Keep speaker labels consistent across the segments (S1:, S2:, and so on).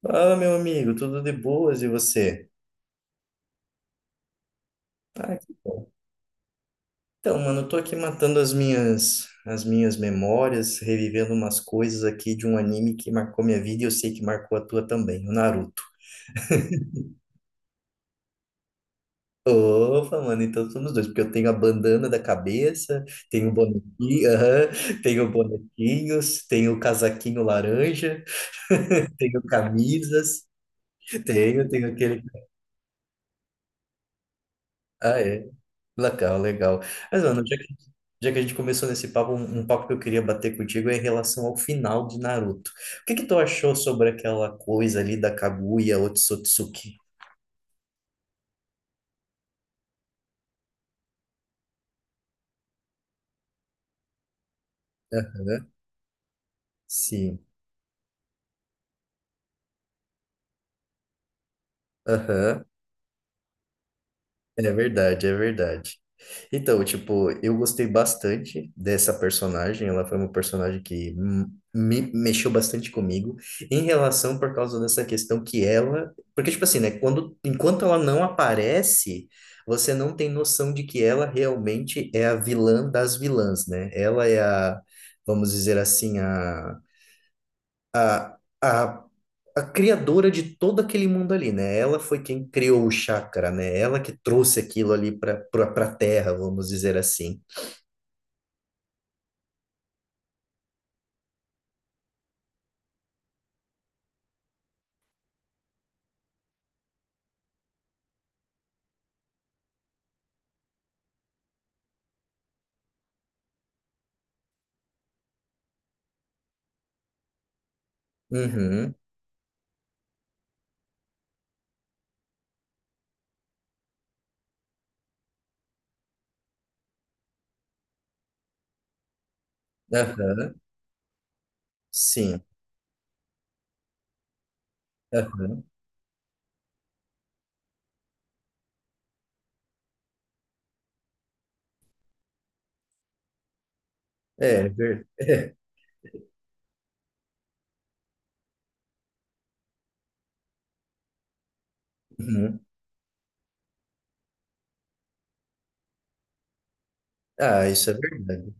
S1: Fala, meu amigo, tudo de boas e você? Ah, que bom. Então, mano, eu tô aqui matando as minhas memórias, revivendo umas coisas aqui de um anime que marcou minha vida e eu sei que marcou a tua também, o Naruto. Opa, mano, então somos dois, porque eu tenho a bandana da cabeça, tenho o bonequinho, aham, tenho bonequinhos, tenho o casaquinho laranja, tenho camisas, tenho aquele. Ah, é. Legal, legal. Mas, mano, já que a gente começou nesse papo, um papo que eu queria bater contigo é em relação ao final de Naruto. O que que tu achou sobre aquela coisa ali da Kaguya Otsutsuki? Aham, sim. Aham, é verdade, é verdade. Então, tipo, eu gostei bastante dessa personagem. Ela foi uma personagem que me mexeu bastante comigo em relação por causa dessa questão que ela, porque tipo assim, né, quando enquanto ela não aparece, você não tem noção de que ela realmente é a vilã das vilãs, né? Ela é a, vamos dizer assim, a, a a criadora de todo aquele mundo ali, né? Ela foi quem criou o chakra, né? Ela que trouxe aquilo ali para a Terra, vamos dizer assim. Uhum, aham, sim, aham, é, é, uhum. Ah, isso é verdade.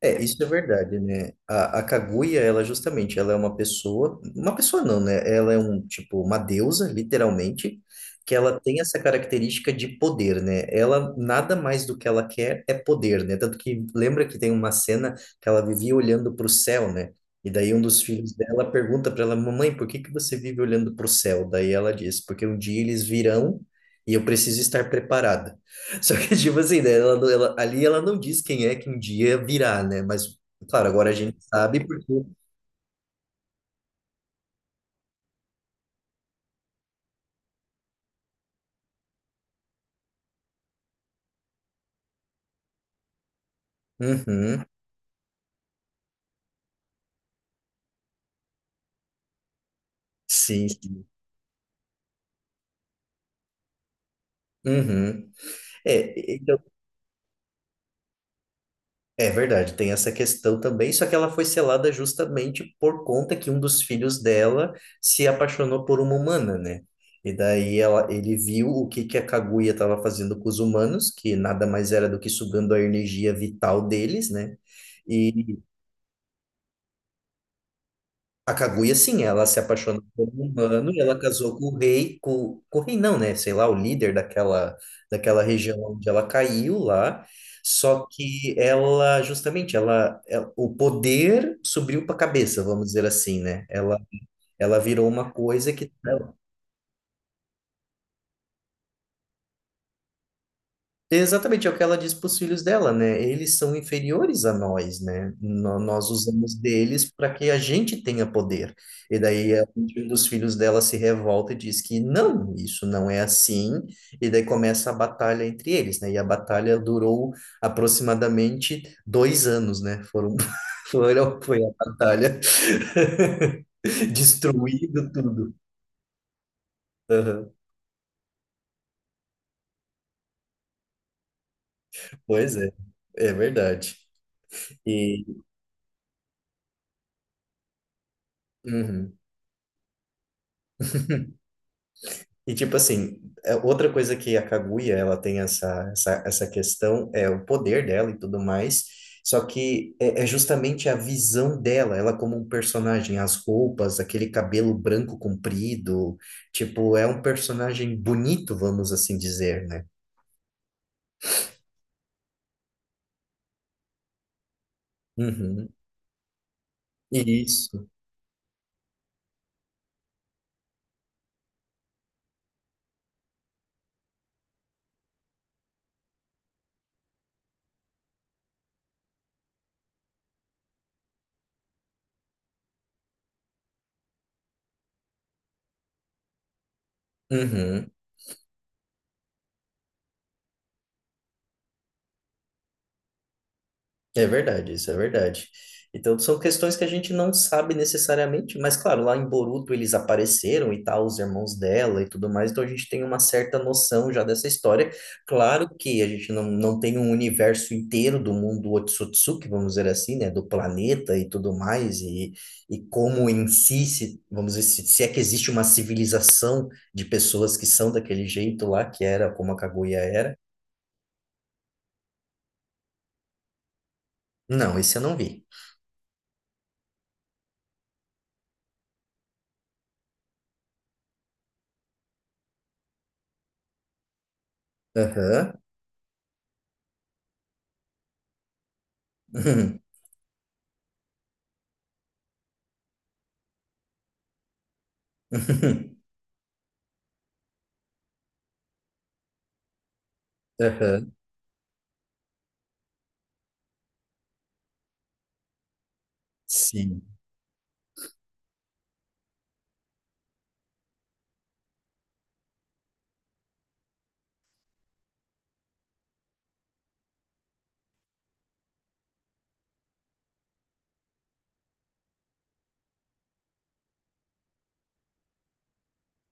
S1: É, isso é verdade, né? A Kaguya, ela justamente, ela é uma pessoa não, né? Ela é um, tipo, uma deusa, literalmente, que ela tem essa característica de poder, né? Ela, nada mais do que ela quer é poder, né? Tanto que lembra que tem uma cena que ela vivia olhando para o céu, né? E daí um dos filhos dela pergunta para ela, mamãe, por que que você vive olhando para o céu? Daí ela diz, porque um dia eles virão e eu preciso estar preparada. Só que, tipo assim, né? Ela, ali ela não diz quem é que um dia virá, né? Mas, claro, agora a gente sabe porque. Uhum, sim, sim. Uhum. É, então, é verdade, tem essa questão também, só que ela foi selada justamente por conta que um dos filhos dela se apaixonou por uma humana, né? E daí ela, ele viu o que que a Kaguya estava fazendo com os humanos, que nada mais era do que sugando a energia vital deles, né? e A Kaguya, sim, ela se apaixonou por um humano e ela casou com o rei, com o rei não, né? Sei lá, o líder daquela região onde ela caiu lá. Só que ela, justamente, o poder subiu para a cabeça, vamos dizer assim, né? Ela virou uma coisa que. Exatamente, é o que ela diz para os filhos dela, né? Eles são inferiores a nós, né? Nós usamos deles para que a gente tenha poder. E daí um dos filhos dela se revolta e diz que não, isso não é assim. E daí começa a batalha entre eles, né? E a batalha durou aproximadamente 2 anos, né? Foi a batalha, destruindo tudo. Aham. Pois é, é verdade. E, uhum. E tipo assim, é, outra coisa que a Kaguya, ela tem essa questão, é o poder dela e tudo mais, só que é justamente a visão dela, ela como um personagem, as roupas, aquele cabelo branco comprido, tipo, é um personagem bonito, vamos assim dizer, né? Uhum. Isso. Uhum. É verdade, isso é verdade. Então, são questões que a gente não sabe necessariamente, mas claro, lá em Boruto eles apareceram e tal, os irmãos dela e tudo mais, então a gente tem uma certa noção já dessa história. Claro que a gente não tem um universo inteiro do mundo Otsutsuki, vamos dizer assim, né, do planeta e tudo mais, e, como em si, se, vamos dizer, se é que existe uma civilização de pessoas que são daquele jeito lá, que era como a Kaguya era. Não, esse eu não vi. Aham. Aham, sim.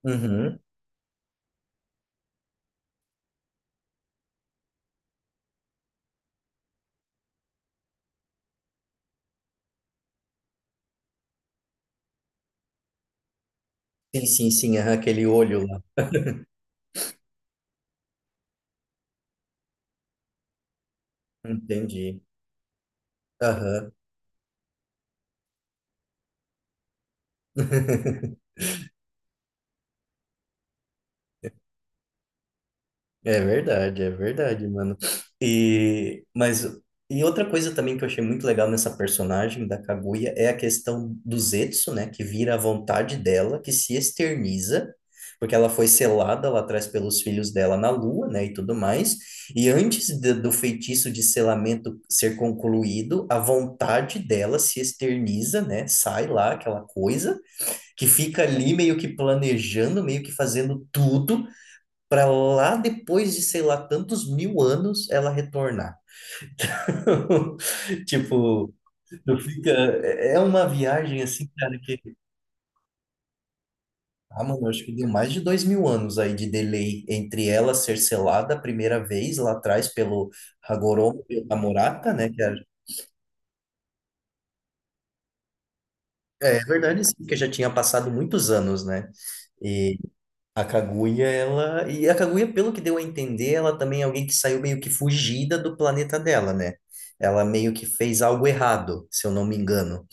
S1: Uhum. Sim, sim, sim, aham, aquele olho lá. Entendi. Aham. É verdade, mano. E, mas, e outra coisa também que eu achei muito legal nessa personagem da Kaguya é a questão do Zetsu, né? Que vira a vontade dela, que se externiza, porque ela foi selada lá atrás pelos filhos dela na lua, né? E tudo mais. E do feitiço de selamento ser concluído, a vontade dela se externiza, né? Sai lá aquela coisa que fica ali meio que planejando, meio que fazendo tudo para lá depois de, sei lá, tantos mil anos ela retornar. Tipo, tu fica. É uma viagem assim, cara, que. Ah, mano, eu acho que deu mais de 2.000 anos aí de delay entre ela ser selada a primeira vez lá atrás pelo Hagoromo e a Murata, né? Que era. É verdade, sim, porque já tinha passado muitos anos, né? A Kaguya, ela. E a Kaguya, pelo que deu a entender, ela também é alguém que saiu meio que fugida do planeta dela, né? Ela meio que fez algo errado, se eu não me engano,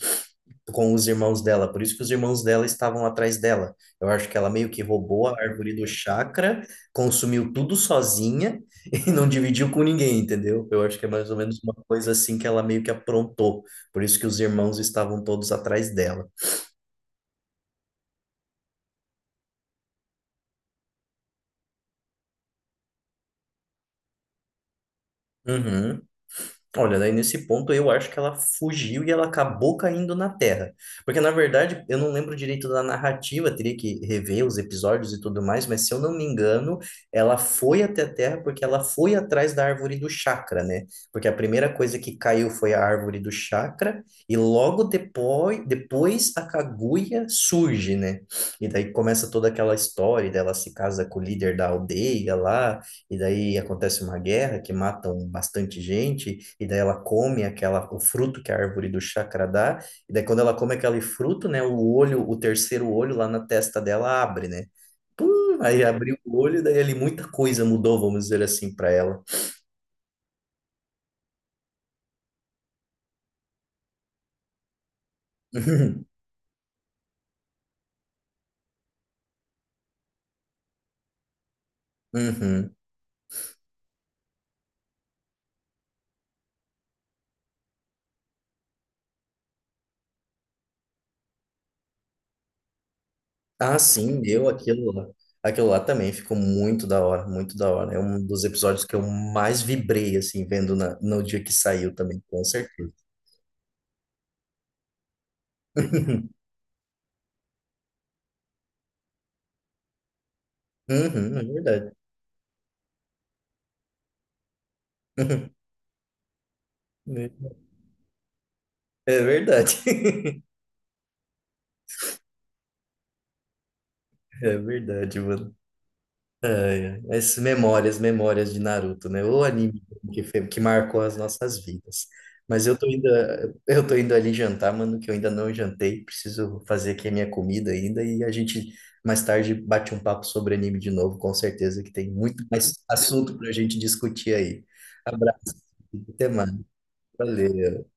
S1: com os irmãos dela. Por isso que os irmãos dela estavam atrás dela. Eu acho que ela meio que roubou a árvore do chakra, consumiu tudo sozinha e não dividiu com ninguém, entendeu? Eu acho que é mais ou menos uma coisa assim que ela meio que aprontou. Por isso que os irmãos estavam todos atrás dela. Uhum. Olha, daí nesse ponto eu acho que ela fugiu e ela acabou caindo na Terra. Porque, na verdade, eu não lembro direito da narrativa, teria que rever os episódios e tudo mais, mas se eu não me engano, ela foi até a Terra porque ela foi atrás da árvore do chakra, né? Porque a primeira coisa que caiu foi a árvore do chakra, e logo depois, a Kaguya surge, né? E daí começa toda aquela história dela se casa com o líder da aldeia lá. E daí acontece uma guerra que matam bastante gente, e daí ela come aquela, o fruto que a árvore do chakra dá, e daí quando ela come aquele fruto, né, o olho, o terceiro olho lá na testa dela abre, né? Pum, aí abriu o olho, daí ali muita coisa mudou, vamos dizer assim, para ela. Uhum. Ah, sim, eu aquilo lá. Aquilo lá também ficou muito da hora, muito da hora. É um dos episódios que eu mais vibrei, assim, vendo no dia que saiu também, com certeza. Uhum, é verdade. É verdade. É verdade, mano. Ai, ai. Essas memórias, memórias de Naruto, né? O anime que marcou as nossas vidas. Mas eu tô indo ali jantar, mano, que eu ainda não jantei. Preciso fazer aqui a minha comida ainda e a gente mais tarde bate um papo sobre anime de novo, com certeza que tem muito mais assunto pra gente discutir aí. Abraço. Até mais. Valeu.